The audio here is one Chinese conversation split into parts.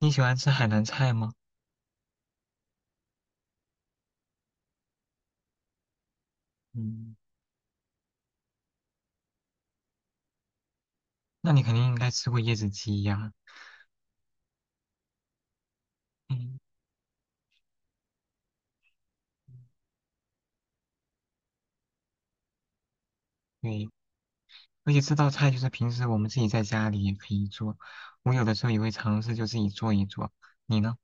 你喜欢吃海南菜吗？嗯，那你肯定应该吃过椰子鸡呀。嗯，对，而且这道菜就是平时我们自己在家里也可以做，我有的时候也会尝试就自己做一做。你呢？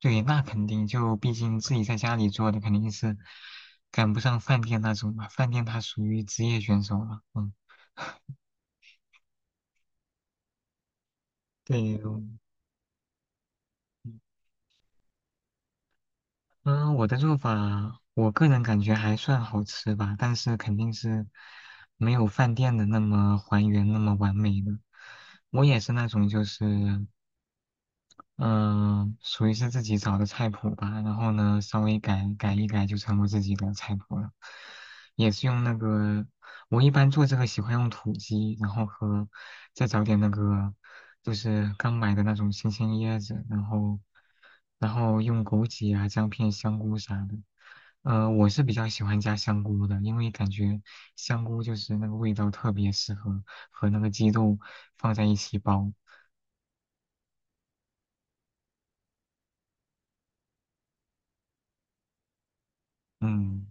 对，那肯定就毕竟自己在家里做的肯定是赶不上饭店那种嘛，饭店它属于职业选手了。嗯，对，嗯，我的做法，我个人感觉还算好吃吧，但是肯定是没有饭店的那么还原那么完美的。我也是那种就是嗯，属于是自己找的菜谱吧，然后呢，稍微改改一改就成我自己的菜谱了。也是用那个，我一般做这个喜欢用土鸡，然后和再找点那个，就是刚买的那种新鲜椰子，然后用枸杞啊、姜片、香菇啥的。我是比较喜欢加香菇的，因为感觉香菇就是那个味道特别适合和那个鸡肉放在一起煲。嗯。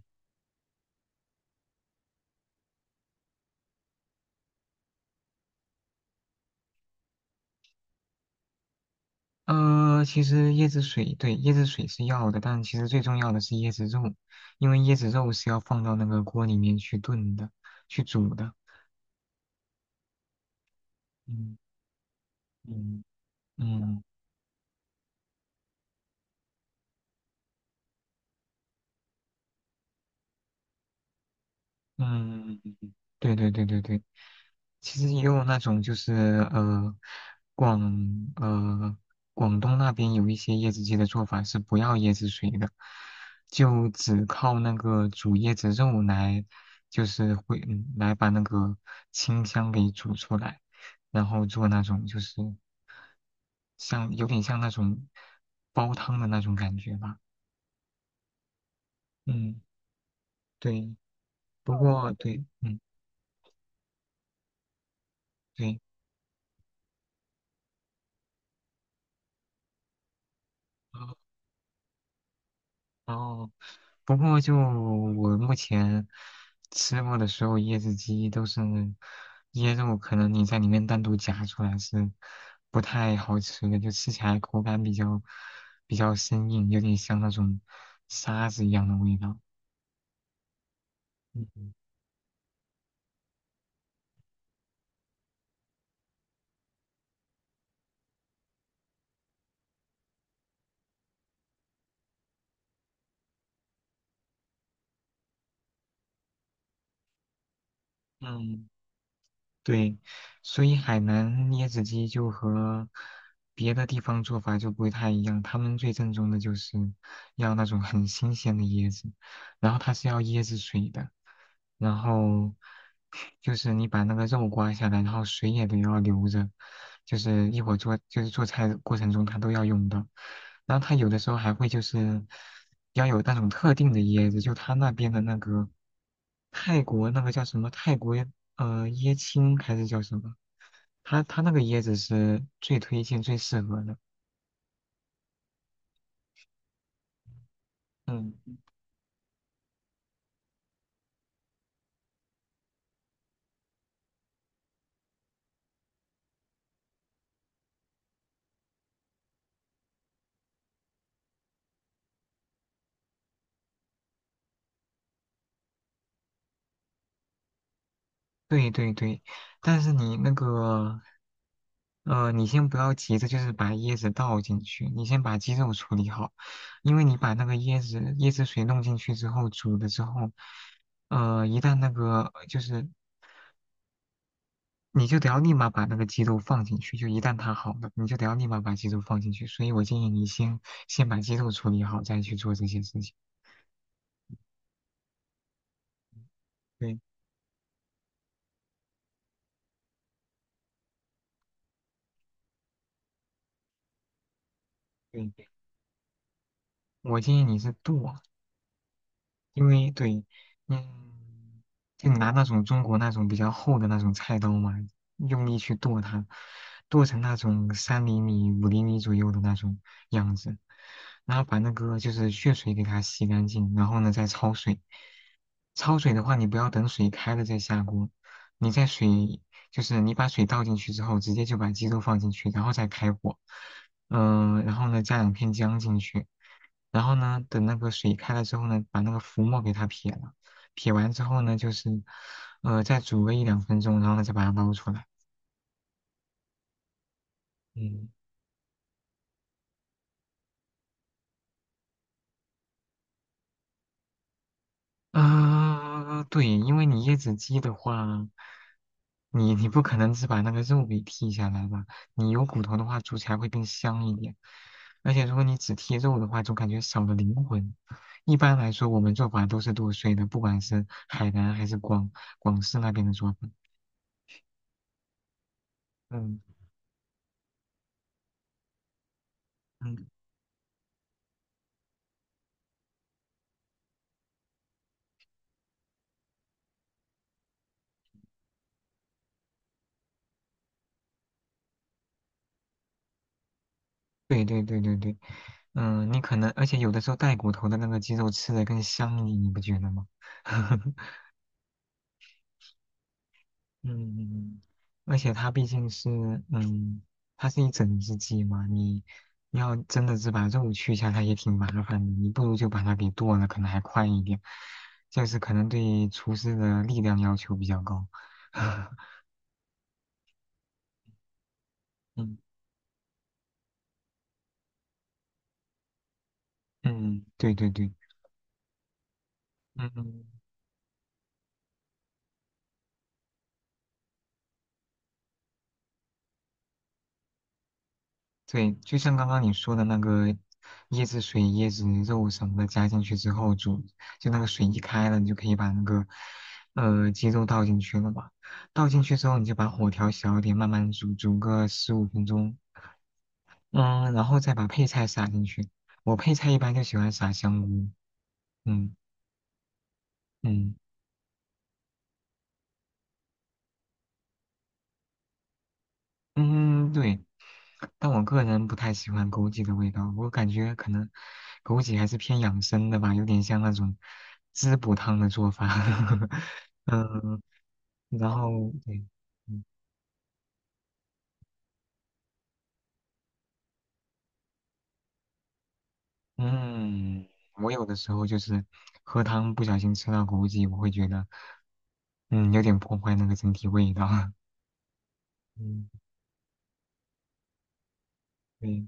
其实椰子水，对，椰子水是要的，但其实最重要的是椰子肉，因为椰子肉是要放到那个锅里面去炖的，去煮的。嗯，嗯，嗯，嗯，对对对对对，其实也有那种就是呃，广呃广东那边有一些椰子鸡的做法是不要椰子水的，就只靠那个煮椰子肉来，就是会来把那个清香给煮出来，然后做那种就是像有点像那种煲汤的那种感觉吧。嗯，对。不，哦，过，对，嗯，对，不过，对，嗯，对，哦，不过就我目前吃过的所有椰子鸡都是椰肉，可能你在里面单独夹出来是不太好吃的，就吃起来口感比较生硬，有点像那种沙子一样的味道。嗯，嗯，对，所以海南椰子鸡就和别的地方做法就不会太一样。他们最正宗的就是要那种很新鲜的椰子，然后它是要椰子水的，然后就是你把那个肉刮下来，然后水也得要留着，就是一会儿做就是做菜的过程中它都要用到。然后它有的时候还会就是要有那种特定的椰子，就它那边的那个泰国那个叫什么泰国。椰青还是叫什么？它那个椰子是最推荐、最适合的。嗯，对对对，但是你那个，你先不要急着就是把椰子倒进去，你先把鸡肉处理好，因为你把那个椰子水弄进去之后，煮了之后，一旦那个就是你就得要立马把那个鸡肉放进去，就一旦它好了，你就得要立马把鸡肉放进去。所以我建议你先把鸡肉处理好，再去做这些事情。对。对，我建议你是剁，因为对，嗯，就拿那种中国那种比较厚的那种菜刀嘛，用力去剁它，剁成那种3厘米、5厘米左右的那种样子，然后把那个就是血水给它洗干净，然后呢再焯水。焯水的话，你不要等水开了再下锅，你在水就是你把水倒进去之后，直接就把鸡肉放进去，然后再开火，嗯、然后呢加两片姜进去。然后呢，等那个水开了之后呢，把那个浮沫给它撇了，撇完之后呢，就是，再煮个一两分钟，然后呢再把它捞出来。嗯，啊、对，因为你椰子鸡的话，你不可能只把那个肉给剔下来吧？你有骨头的话，煮起来会更香一点。而且如果你只剔肉的话，总感觉少了灵魂。一般来说，我们做法都是剁碎的，不管是海南还是广式那边的做法。嗯，嗯。对对对对对，嗯，你可能，而且有的时候带骨头的那个鸡肉吃的更香一点，你不觉得吗？嗯，而且它毕竟是，嗯，它是一整只鸡嘛，你要真的是把肉去一下，它也挺麻烦的，你不如就把它给剁了，可能还快一点，就是可能对厨师的力量要求比较高。嗯，嗯，对对对，嗯。对，就像刚刚你说的那个椰子水、椰子肉什么的加进去之后煮，就那个水一开了，你就可以把那个鸡肉倒进去了嘛。倒进去之后，你就把火调小一点，慢慢煮，煮个15分钟。嗯，然后再把配菜撒进去。我配菜一般就喜欢撒香菇。嗯，嗯。嗯，对。但我个人不太喜欢枸杞的味道，我感觉可能枸杞还是偏养生的吧，有点像那种滋补汤的做法。嗯，然后对，嗯，嗯我有的时候就是喝汤不小心吃到枸杞，我会觉得嗯有点破坏那个整体味道。嗯，对。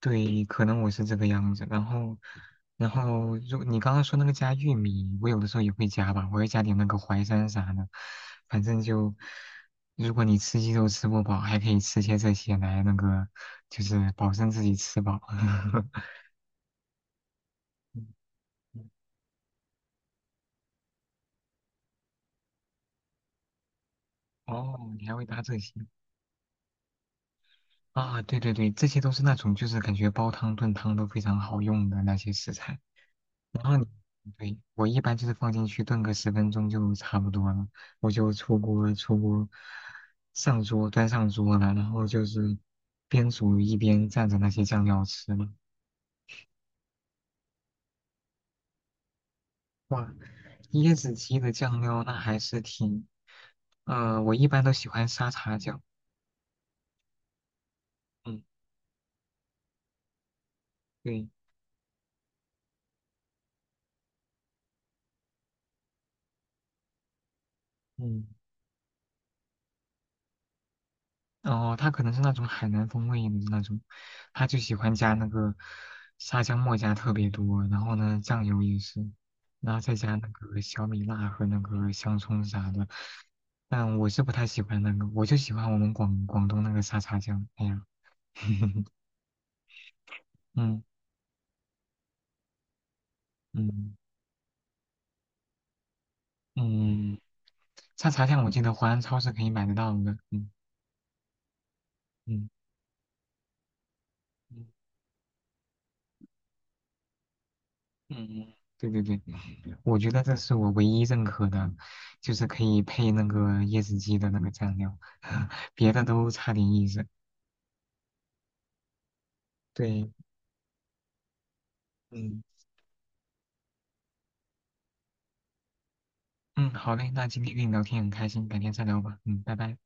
对，可能我是这个样子。然后，然后，如你刚刚说那个加玉米，我有的时候也会加吧，我会加点那个淮山啥的。反正就，如果你吃鸡肉吃不饱，还可以吃些这些来那个，就是保证自己吃饱。嗯哦，你还会搭这些啊？对对对，这些都是那种就是感觉煲汤炖汤都非常好用的那些食材。然后你，对，我一般就是放进去炖个10分钟就差不多了，我就出锅，端上桌了，然后就是边煮一边蘸着那些酱料吃嘛。哇，椰子鸡的酱料那还是挺，我一般都喜欢沙茶酱。嗯，对，嗯。哦，他可能是那种海南风味的那种，他就喜欢加那个沙姜末加特别多，然后呢酱油也是，然后再加那个小米辣和那个香葱啥的。但我是不太喜欢那个，我就喜欢我们广东那个沙茶酱。哎呀，嗯，嗯，嗯，沙茶酱我记得淮安超市可以买得到的。嗯，嗯。嗯，嗯，对对对，我觉得这是我唯一认可的，就是可以配那个椰子鸡的那个蘸料，别的都差点意思。对，嗯，嗯，好嘞，那今天跟你聊天很开心，改天再聊吧。嗯，拜拜。